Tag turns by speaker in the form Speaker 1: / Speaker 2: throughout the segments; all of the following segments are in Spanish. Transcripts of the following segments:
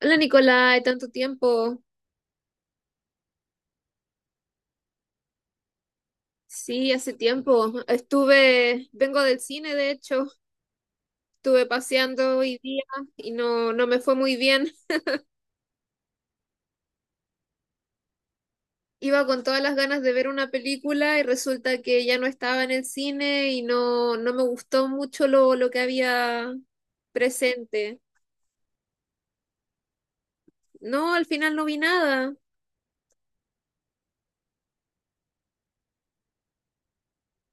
Speaker 1: Hola Nicolai, tanto tiempo. Sí, hace tiempo. Estuve, vengo del cine de hecho, estuve paseando hoy día y no, no me fue muy bien. Iba con todas las ganas de ver una película y resulta que ya no estaba en el cine y no, no me gustó mucho lo que había presente. No, al final no vi nada.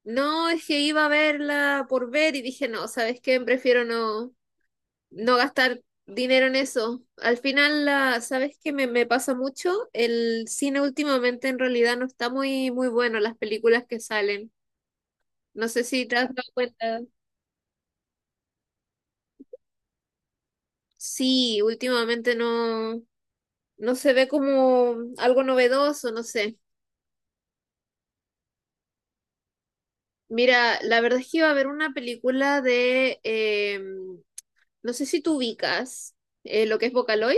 Speaker 1: No, es que iba a verla por ver y dije, no, ¿sabes qué? Prefiero no. No gastar dinero en eso. Al final, la, ¿sabes qué me pasa mucho? El cine últimamente en realidad no está muy, muy bueno, las películas que salen. No sé si te has dado cuenta. Sí, últimamente no, no se ve como algo novedoso, no sé. Mira, la verdad es que iba a ver una película de, no sé si tú ubicas lo que es Vocaloid.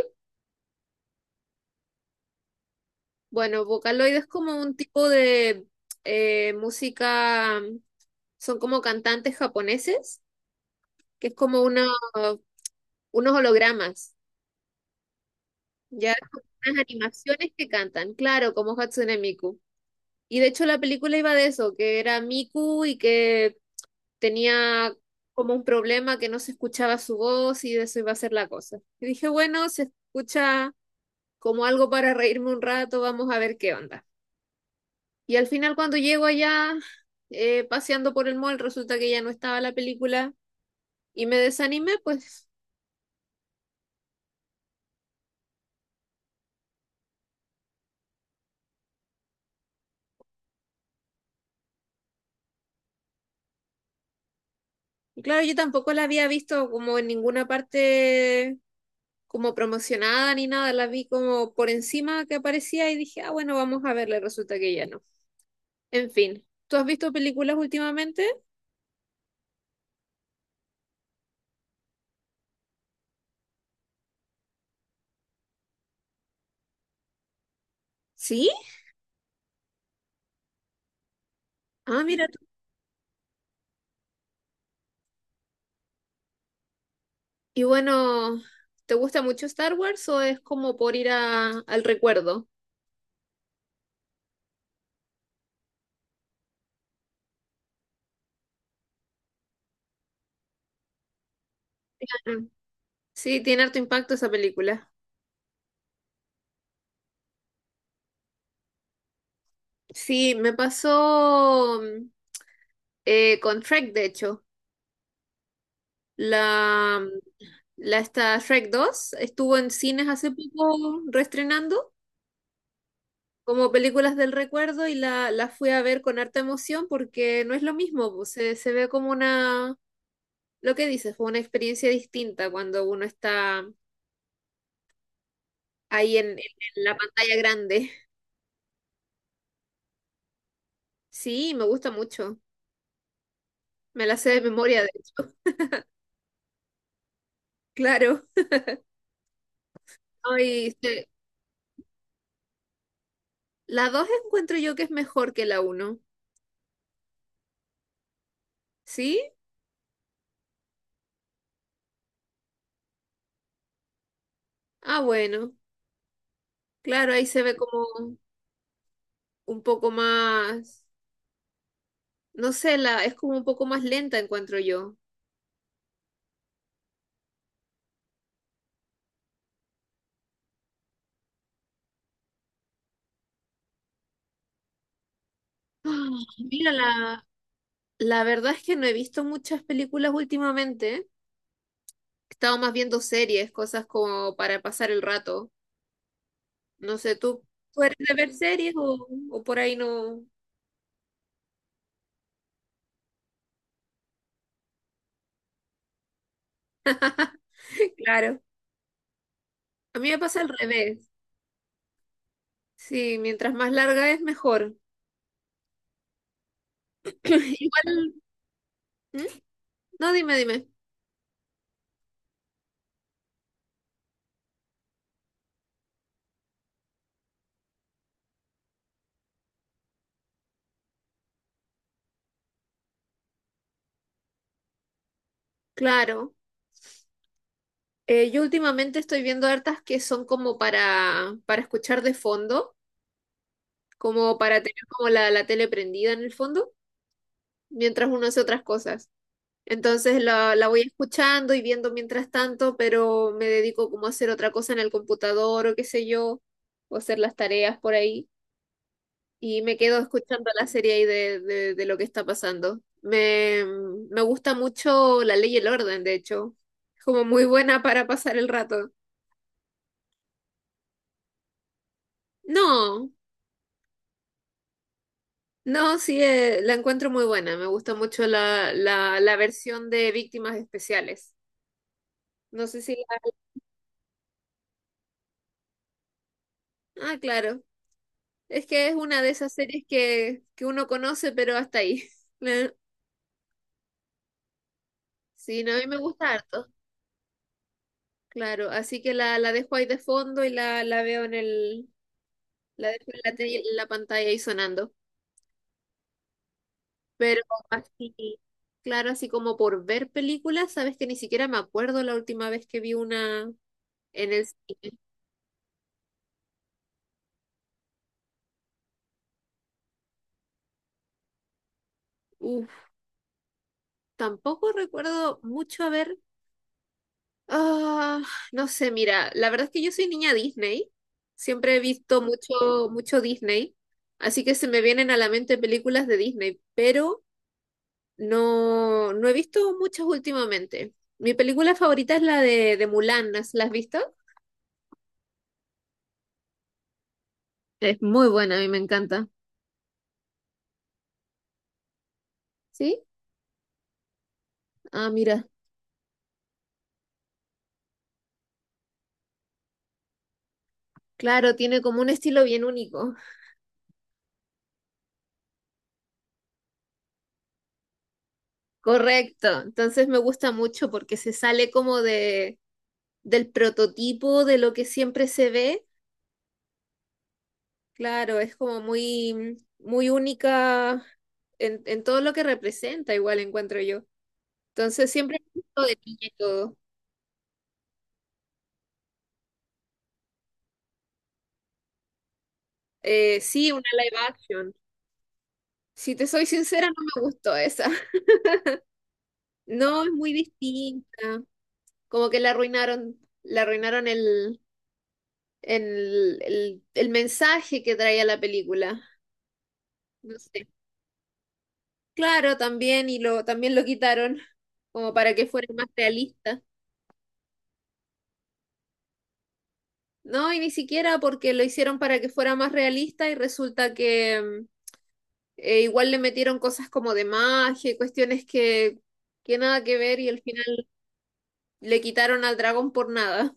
Speaker 1: Bueno, Vocaloid es como un tipo de música, son como cantantes japoneses, que es como una, unos hologramas, ya, unas animaciones que cantan, claro, como Hatsune Miku. Y de hecho la película iba de eso, que era Miku y que tenía como un problema que no se escuchaba su voz y de eso iba a ser la cosa. Y dije, bueno, se escucha como algo para reírme un rato, vamos a ver qué onda. Y al final cuando llego allá, paseando por el mall, resulta que ya no estaba la película y me desanimé, pues. Y claro, yo tampoco la había visto como en ninguna parte como promocionada ni nada, la vi como por encima que aparecía y dije, ah, bueno, vamos a verla, y resulta que ya no. En fin, ¿tú has visto películas últimamente? Sí. Ah, mira tú. Y bueno, ¿te gusta mucho Star Wars o es como por ir a- al recuerdo? Mm. Sí, tiene harto impacto esa película. Sí, me pasó con Shrek, de hecho. La, La está Shrek dos estuvo en cines hace poco reestrenando como películas del recuerdo y la fui a ver con harta emoción porque no es lo mismo, pues, se ve como una, lo que dices, fue una experiencia distinta cuando uno está ahí en la pantalla grande. Sí, me gusta mucho, me la sé de memoria, de hecho, claro. Ay, se- la 2 encuentro yo que es mejor que la uno. ¿Sí? Ah, bueno, claro, ahí se ve como un poco más. No sé, la, es como un poco más lenta, encuentro yo. Ah, mira, la verdad es que no he visto muchas películas últimamente. He estado más viendo series, cosas como para pasar el rato. No sé, ¿tú eres de ver series o por ahí no? Claro. A mí me pasa al revés. Sí, mientras más larga es mejor. Igual, ¿mm? No, dime, dime. Claro. Yo últimamente estoy viendo hartas que son como para escuchar de fondo, como para tener como la tele prendida en el fondo, mientras uno hace otras cosas. Entonces la voy escuchando y viendo mientras tanto, pero me dedico como a hacer otra cosa en el computador o qué sé yo, o hacer las tareas por ahí, y me quedo escuchando la serie ahí de lo que está pasando. Me gusta mucho La Ley y el Orden, de hecho. Es como muy buena para pasar el rato. No, no, sí, la encuentro muy buena. Me gusta mucho la versión de víctimas especiales. No sé si la... Ah, claro. Es que es una de esas series que uno conoce, pero hasta ahí. La- Sí, no, a mí me gusta harto. Claro, así que la dejo ahí de fondo y la veo en el... La dejo en la, tele- en la pantalla ahí sonando. Pero así, claro, así como por ver películas, sabes que ni siquiera me acuerdo la última vez que vi una en el cine. Uf, tampoco recuerdo mucho haber. Ah, no sé, mira, la verdad es que yo soy niña Disney, siempre he visto mucho, mucho Disney, así que se me vienen a la mente películas de Disney, pero no, no he visto muchas últimamente. Mi película favorita es la de Mulan, ¿la has visto? Es muy buena, a mí me encanta. ¿Sí? Ah, mira, claro, tiene como un estilo bien único. Correcto, entonces me gusta mucho porque se sale como de, del prototipo de lo que siempre se ve. Claro, es como muy, muy única en todo lo que representa, igual encuentro yo. Entonces siempre me gustó de niña y todo. Sí, una live action. Si te soy sincera, no me gustó esa. No, es muy distinta. Como que la arruinaron el mensaje que traía la película. No sé. Claro, también, también lo quitaron como para que fuera más realista. No, y ni siquiera porque lo hicieron para que fuera más realista y resulta que igual le metieron cosas como de magia y cuestiones que nada que ver y al final le quitaron al dragón por nada.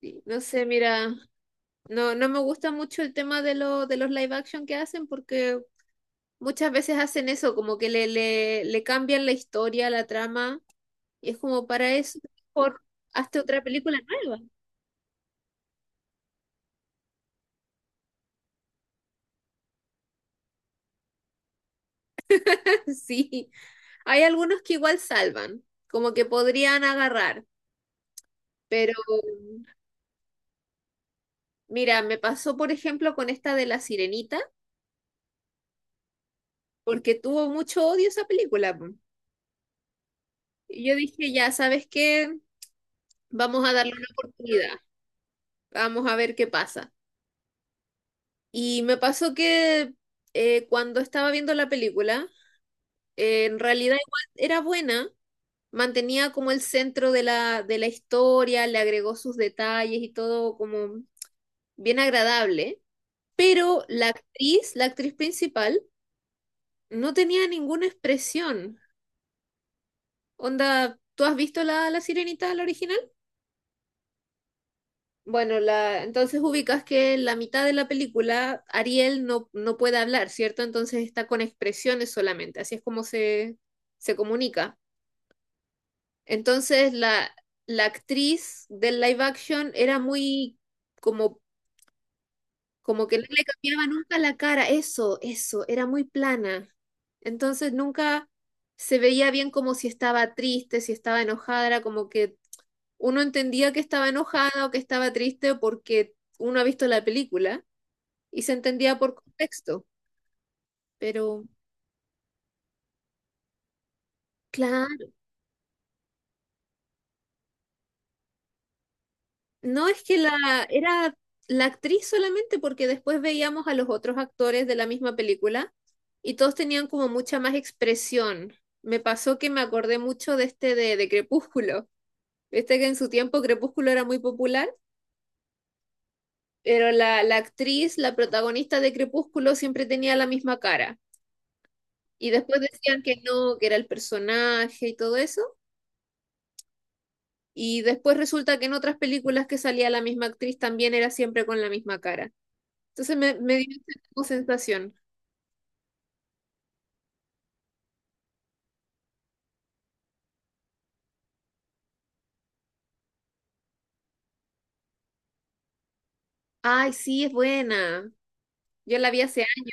Speaker 1: Y no sé, mira, no, no me gusta mucho el tema de, lo, de los live action que hacen porque muchas veces hacen eso, como que le cambian la historia, la trama y es como para eso, por hazte otra película nueva. Sí, hay algunos que igual salvan, como que podrían agarrar, pero mira, me pasó por ejemplo con esta de La Sirenita, porque tuvo mucho odio esa película. Po. Y yo dije, ya, ¿sabes qué? Vamos a darle una oportunidad, vamos a ver qué pasa. Y me pasó que cuando estaba viendo la película, en realidad igual era buena, mantenía como el centro de de la historia, le agregó sus detalles y todo como bien agradable. Pero la actriz principal, no tenía ninguna expresión. Onda, ¿tú has visto la Sirenita, la original? Bueno, la, entonces ubicas que en la mitad de la película Ariel no, no puede hablar, ¿cierto? Entonces está con expresiones solamente, así es como se comunica. Entonces la actriz del live action era muy como. Como que no le cambiaba nunca la cara, eso, era muy plana. Entonces nunca se veía bien como si estaba triste, si estaba enojada, era como que uno entendía que estaba enojada o que estaba triste porque uno ha visto la película y se entendía por contexto. Pero, claro, no es que la era la actriz solamente porque después veíamos a los otros actores de la misma película y todos tenían como mucha más expresión. Me pasó que me acordé mucho de este de Crepúsculo. Viste que en su tiempo Crepúsculo era muy popular, pero la actriz, la protagonista de Crepúsculo siempre tenía la misma cara. Y después decían que no, que era el personaje y todo eso. Y después resulta que en otras películas que salía la misma actriz también era siempre con la misma cara. Entonces me dio esa como sensación. Ay, sí, es buena. Yo la vi hace años.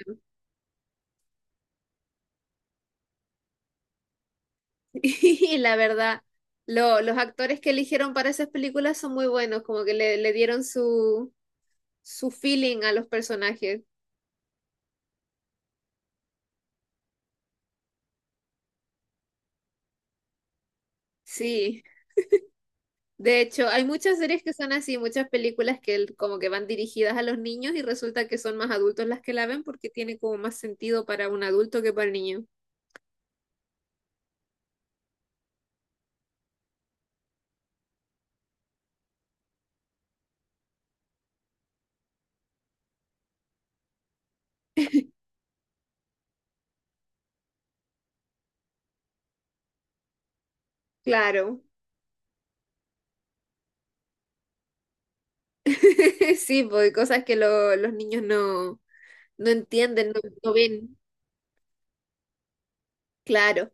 Speaker 1: Y la verdad, lo- los actores que eligieron para esas películas son muy buenos, como que le, dieron su, su feeling a los personajes. Sí, de hecho, hay muchas series que son así, muchas películas que el- como que van dirigidas a los niños y resulta que son más adultos las que la ven porque tiene como más sentido para un adulto que para el niño. Claro. Sí, porque cosas que lo- los niños no, no entienden, no no ven. Claro.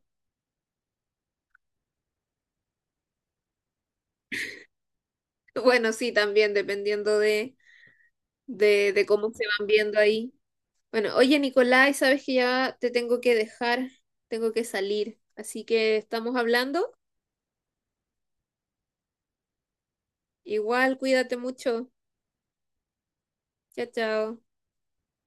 Speaker 1: Bueno, sí, también dependiendo de cómo se van viendo ahí. Bueno, oye, Nicolás, sabes que ya te tengo que dejar, tengo que salir. Así que estamos hablando. Igual, cuídate mucho. Chao, chao.